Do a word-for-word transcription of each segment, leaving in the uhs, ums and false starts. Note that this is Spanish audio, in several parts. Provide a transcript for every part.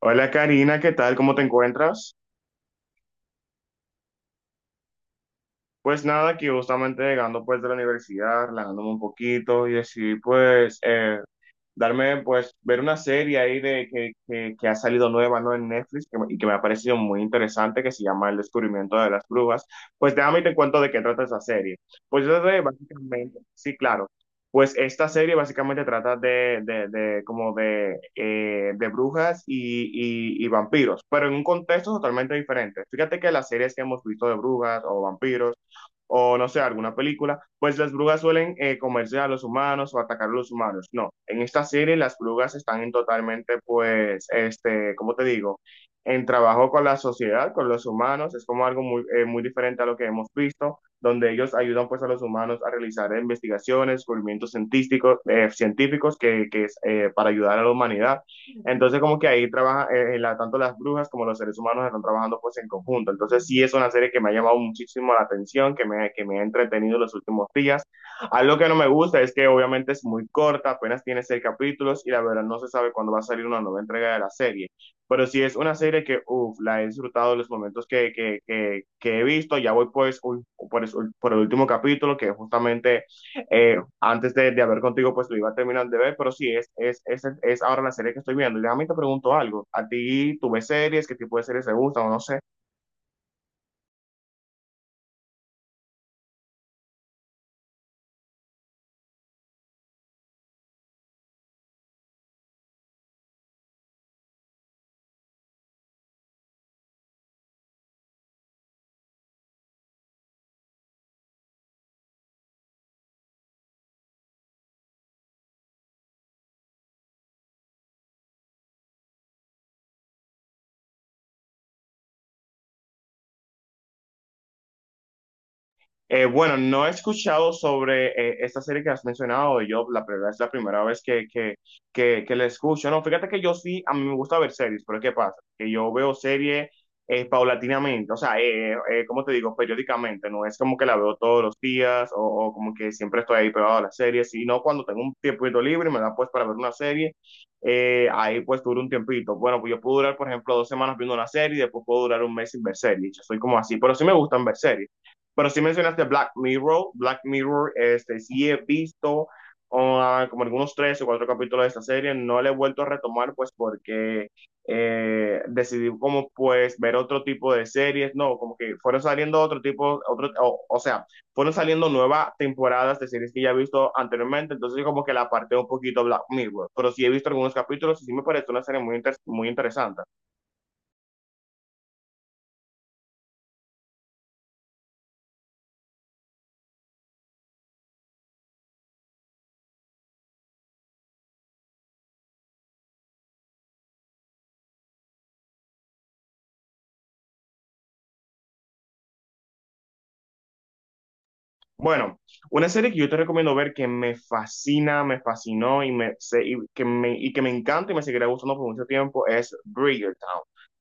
Hola Karina, ¿qué tal? ¿Cómo te encuentras? Pues nada, aquí justamente llegando pues de la universidad, relajándome un poquito y así pues eh, darme, pues, ver una serie ahí de que, que, que ha salido nueva, ¿no? En Netflix que me- y que me ha parecido muy interesante, que se llama El descubrimiento de las grúas. Pues déjame y te cuento de qué trata esa serie. Pues yo de, básicamente, sí, claro. Pues esta serie básicamente trata de, de, de como de, eh, de brujas y, y, y vampiros, pero en un contexto totalmente diferente. Fíjate que las series que hemos visto de brujas o vampiros o no sé, alguna película, pues las brujas suelen eh, comerse a los humanos o atacar a los humanos. No, en esta serie las brujas están en totalmente, pues, este, ¿cómo te digo? En trabajo con la sociedad, con los humanos, es como algo muy, eh, muy diferente a lo que hemos visto, donde ellos ayudan pues a los humanos a realizar investigaciones, descubrimientos científicos, eh, científicos que, que es eh, para ayudar a la humanidad. Entonces, como que ahí trabaja, eh, la- tanto las brujas como los seres humanos están trabajando pues en conjunto. Entonces, sí es una serie que me ha llamado muchísimo la atención, que me, que me ha entretenido los últimos días. Algo que no me gusta es que obviamente es muy corta, apenas tiene seis capítulos y la verdad no se sabe cuándo va a salir una nueva entrega de la serie. Pero sí es una serie que, uff, la he disfrutado los momentos que, que, que, que he visto. Ya voy pues un- por, el- por el último capítulo, que justamente eh, antes de, de hablar contigo, pues lo iba a terminar de ver, pero sí, es, es, es, es ahora la serie que estoy viendo. Y déjame te pregunto algo, ¿a ti tú ves series? ¿Qué tipo de series te gustan o no sé? Eh, bueno, no he escuchado sobre eh, esta serie que has mencionado, yo la verdad es la primera vez que, que, que, que la escucho. No, fíjate que yo sí, a mí me gusta ver series, pero ¿qué pasa? Que yo veo series eh, paulatinamente, o sea, eh, eh, ¿cómo te digo? Periódicamente, no es como que la veo todos los días o, o como que siempre estoy ahí pegado a las series, sino cuando tengo un tiempito libre y me da pues para ver una serie, eh, ahí pues duro un tiempito. Bueno, pues yo puedo durar, por ejemplo, dos semanas viendo una serie y después puedo durar un mes sin ver series. Yo soy como así, pero sí me gustan ver series. Pero sí mencionaste Black Mirror. Black Mirror, este, sí he visto ah, como algunos tres o cuatro capítulos de esta serie. No la he vuelto a retomar, pues, porque eh, decidí como, pues, ver otro tipo de series. No, como que fueron saliendo otro tipo, otro, o, o sea, fueron saliendo nuevas temporadas de series que ya he visto anteriormente. Entonces, como que la aparté un poquito Black Mirror. Pero sí he visto algunos capítulos y sí me parece una serie muy, inter- muy interesante. Bueno, una serie que yo te recomiendo ver que me fascina, me fascinó y, me, se- y que, me, y que me encanta y me seguirá gustando por mucho tiempo es Bridgerton.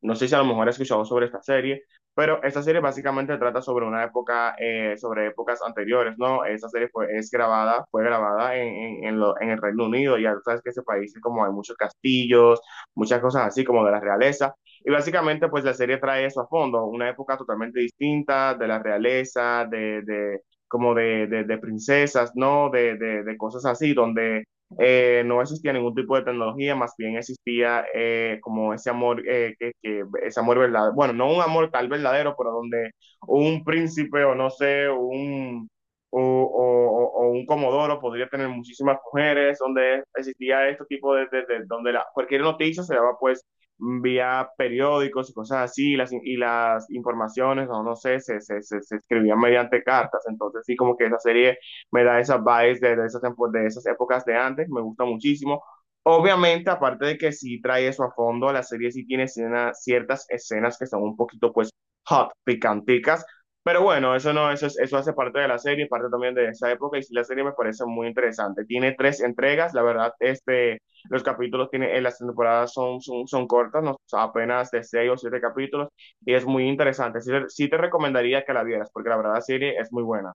No sé si a lo mejor has escuchado sobre esta serie, pero esta serie básicamente trata sobre una época, eh, sobre épocas anteriores, ¿no? Esta serie fue, es grabada, fue grabada en, en, en lo- en el Reino Unido, ya tú sabes que ese país como hay muchos castillos, muchas cosas así como de la realeza. Y básicamente, pues la serie trae eso a fondo, una época totalmente distinta de la realeza, de, de, como de, de, de princesas, ¿no? De, de, de cosas así, donde eh, no existía ningún tipo de tecnología, más bien existía eh, como ese amor, eh, que, que, ese amor verdadero, bueno, no un amor tal verdadero, pero donde un príncipe o no sé, un... O, o, o, un comodoro podría tener muchísimas mujeres, donde existía este tipo de, de, de donde la, cualquier noticia se daba pues vía periódicos y cosas así, y las, in- y las informaciones, o no sé, se, se, se, se escribían mediante cartas. Entonces, sí, como que esa serie me da esas vibes de, de esas, tempo- de esas épocas de antes, me gusta muchísimo. Obviamente, aparte de que sí trae eso a fondo, la serie sí tiene escena- ciertas escenas que son un poquito, pues, hot, picanticas. Pero bueno, eso no, eso, es- eso hace parte de la serie, parte también de esa época, y sí, la serie me parece muy interesante. Tiene tres entregas, la verdad, este. Los capítulos tiene, en las temporadas son, son, son cortas, ¿no? Apenas de seis o siete capítulos, y es muy interesante. Sí, te- sí te recomendaría que la vieras, porque la verdad la serie es muy buena.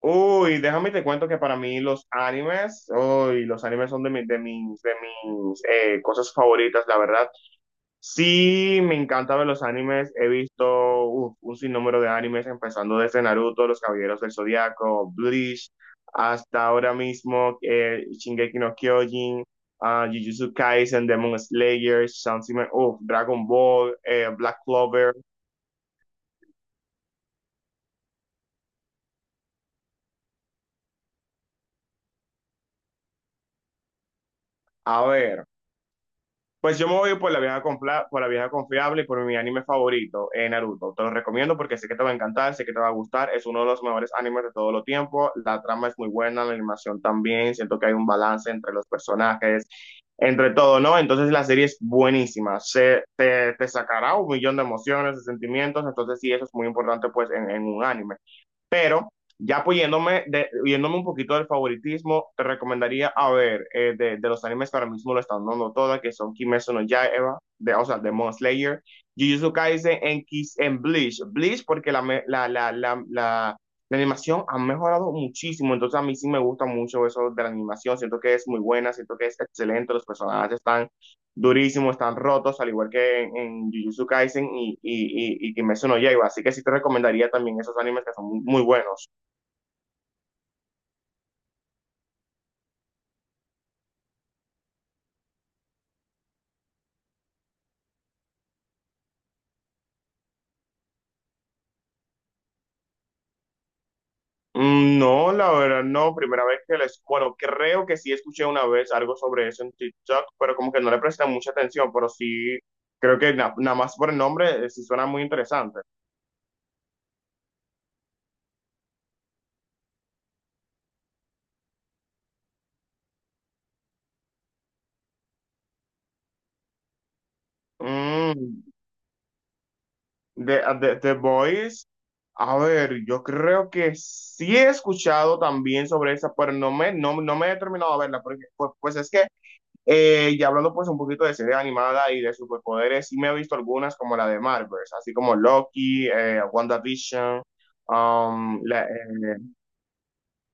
Uy, déjame te cuento que para mí los animes, uy, los animes, son de, mi- de mis, de mis eh, cosas favoritas, la verdad. Sí, me encanta ver los animes. He visto uf, un sinnúmero de animes, empezando desde Naruto, Los Caballeros del Zodiaco, Bleach, hasta ahora mismo eh, Shingeki no Kyojin, ah, Jujutsu Kaisen, Demon Slayer, Saint Seiya, uf, Dragon Ball, eh, Black Clover. A ver. Pues yo me voy por la vieja, confla- por la vieja confiable y por mi anime favorito, eh, Naruto. Te lo recomiendo porque sé que te va a encantar, sé que te va a gustar. Es uno de los mejores animes de todo el tiempo. La trama es muy buena, la animación también. Siento que hay un balance entre los personajes, entre todo, ¿no? Entonces la serie es buenísima. Se, te, te sacará un millón de emociones, de sentimientos. Entonces sí, eso es muy importante pues en en un anime. Ya apoyándome, de, yéndome un poquito del favoritismo, te recomendaría a ver eh, de, de los animes que ahora mismo lo están dando todas, que son Kimetsu no Yaiba, de, o sea, de Demon Slayer, Jujutsu Kaisen en, Kiss, en Bleach. Bleach porque la, me- la, la, la, la, la animación ha mejorado muchísimo, entonces a mí sí me gusta mucho eso de la animación, siento que es muy buena, siento que es excelente, los personajes están durísimos, están rotos, al igual que en, en Jujutsu Kaisen y, y, y, y Kimetsu no Yaiba, así que sí te recomendaría también esos animes que son muy muy buenos. Mm, no, la verdad, no, primera vez que les, bueno, creo que sí escuché una vez algo sobre eso en TikTok, pero como que no le presté mucha atención, pero sí, creo que na- nada más por el nombre eh, sí suena muy interesante. Mm, de, ah, de, The Voice, a ver, yo creo que sí he escuchado también sobre esa, pero no me, no, no me he terminado de verla, porque pues, pues es que. Eh, y hablando pues un poquito de serie animada y de superpoderes, sí me he visto algunas como la de Marvel, así como Loki, eh, WandaVision, um, la, eh,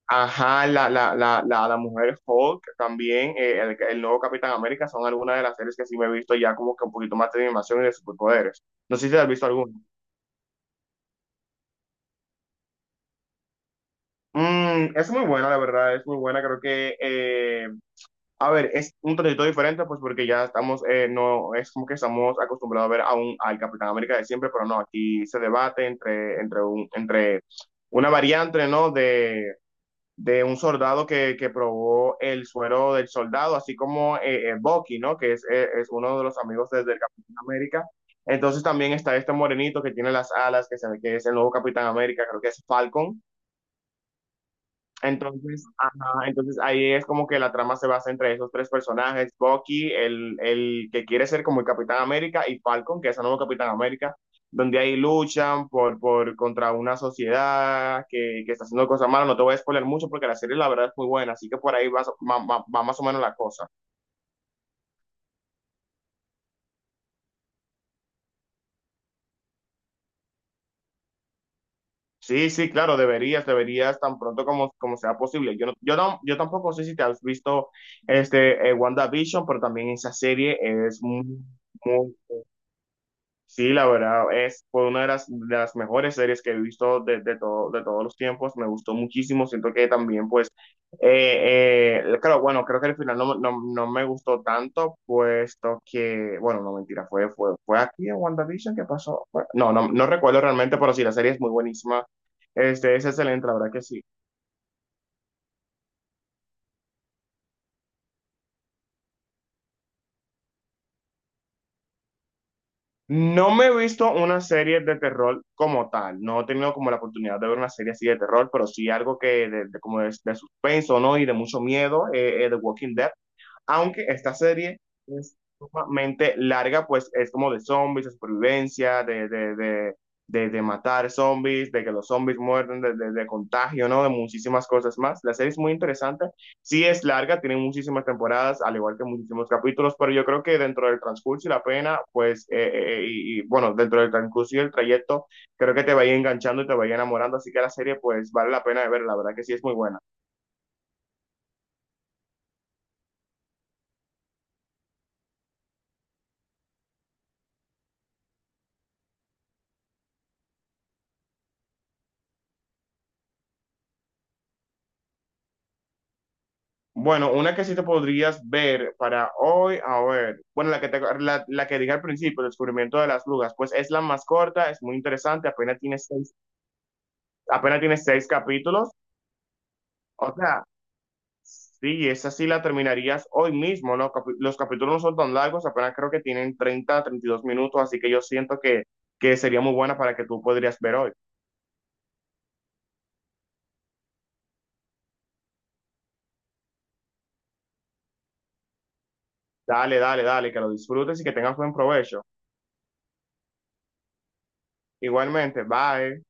ajá, la, la, la, la, la Mujer Hulk también, eh, el, el nuevo Capitán América, son algunas de las series que sí me he visto ya como que un poquito más de animación y de superpoderes. No sé si te has visto alguna. Mm, es muy buena, la verdad, es muy buena. Creo que, eh, a ver, es un tantito diferente, pues porque ya estamos, eh, no es como que estamos acostumbrados a ver a un, al Capitán América de siempre, pero no, aquí se debate entre, entre, un, entre una variante, ¿no? De, de un soldado que, que probó el suero del soldado, así como eh, eh, Bucky, ¿no? Que es, eh, es uno de los amigos desde el Capitán América. Entonces también está este morenito que tiene las alas, que se ve que es el nuevo Capitán América, creo que es Falcon. Entonces, ajá, entonces ahí es como que la trama se basa entre esos tres personajes, Bucky, el, el que quiere ser como el Capitán América, y Falcon, que es el nuevo Capitán América, donde ahí luchan por, por contra una sociedad que, que está haciendo cosas malas. No te voy a spoiler mucho porque la serie la verdad es muy buena, así que por ahí va, va, va- va más o menos la cosa. Sí, sí, claro, deberías, deberías tan pronto como, como sea posible. Yo, no, yo, no- yo tampoco sé si te has visto este, eh, WandaVision, pero también esa serie es muy... Sí, la verdad, es fue una de las, de las mejores series que he visto de, de todo, de todos los tiempos. Me gustó muchísimo. Siento que también, pues, eh, eh, claro, bueno, creo que el final no, no, no me gustó tanto, puesto que, bueno, no mentira, fue, fue, fue aquí en WandaVision que pasó. Fue- No, no, no recuerdo realmente, pero sí, la serie es muy buenísima. Este, es excelente, la verdad que sí. No me he visto una serie de terror como tal, no he tenido como la oportunidad de ver una serie así de terror, pero sí algo que de, de- como de, de suspenso, ¿no? Y de mucho miedo, eh, eh, The Walking Dead, aunque esta serie es sumamente larga, pues es como de zombies, de supervivencia, de, de, de, de, de matar zombies, de que los zombies muerden, de, de, de contagio, ¿no? De muchísimas cosas más. La serie es muy interesante, sí es larga, tiene muchísimas temporadas, al igual que muchísimos capítulos, pero yo creo que dentro del transcurso y la pena, pues, eh, eh, eh, y, y, bueno, dentro del transcurso y el trayecto, creo que te va a ir enganchando y te va a ir enamorando, así que la serie, pues, vale la pena de ver, la verdad que sí es muy buena. Bueno, una que sí te podrías ver para hoy, a ver, bueno, la que, te- la, la que dije al principio, El descubrimiento de las lugas, pues es la más corta, es muy interesante, apenas tiene seis, apenas tiene seis capítulos, o sea, sí, esa sí la terminarías hoy mismo, ¿no? Capi- Los capítulos no son tan largos, apenas creo que tienen treinta, treinta y dos minutos, así que yo siento que, que sería muy buena para que tú podrías ver hoy. Dale, dale, dale, que lo disfrutes y que tengas buen provecho. Igualmente, bye.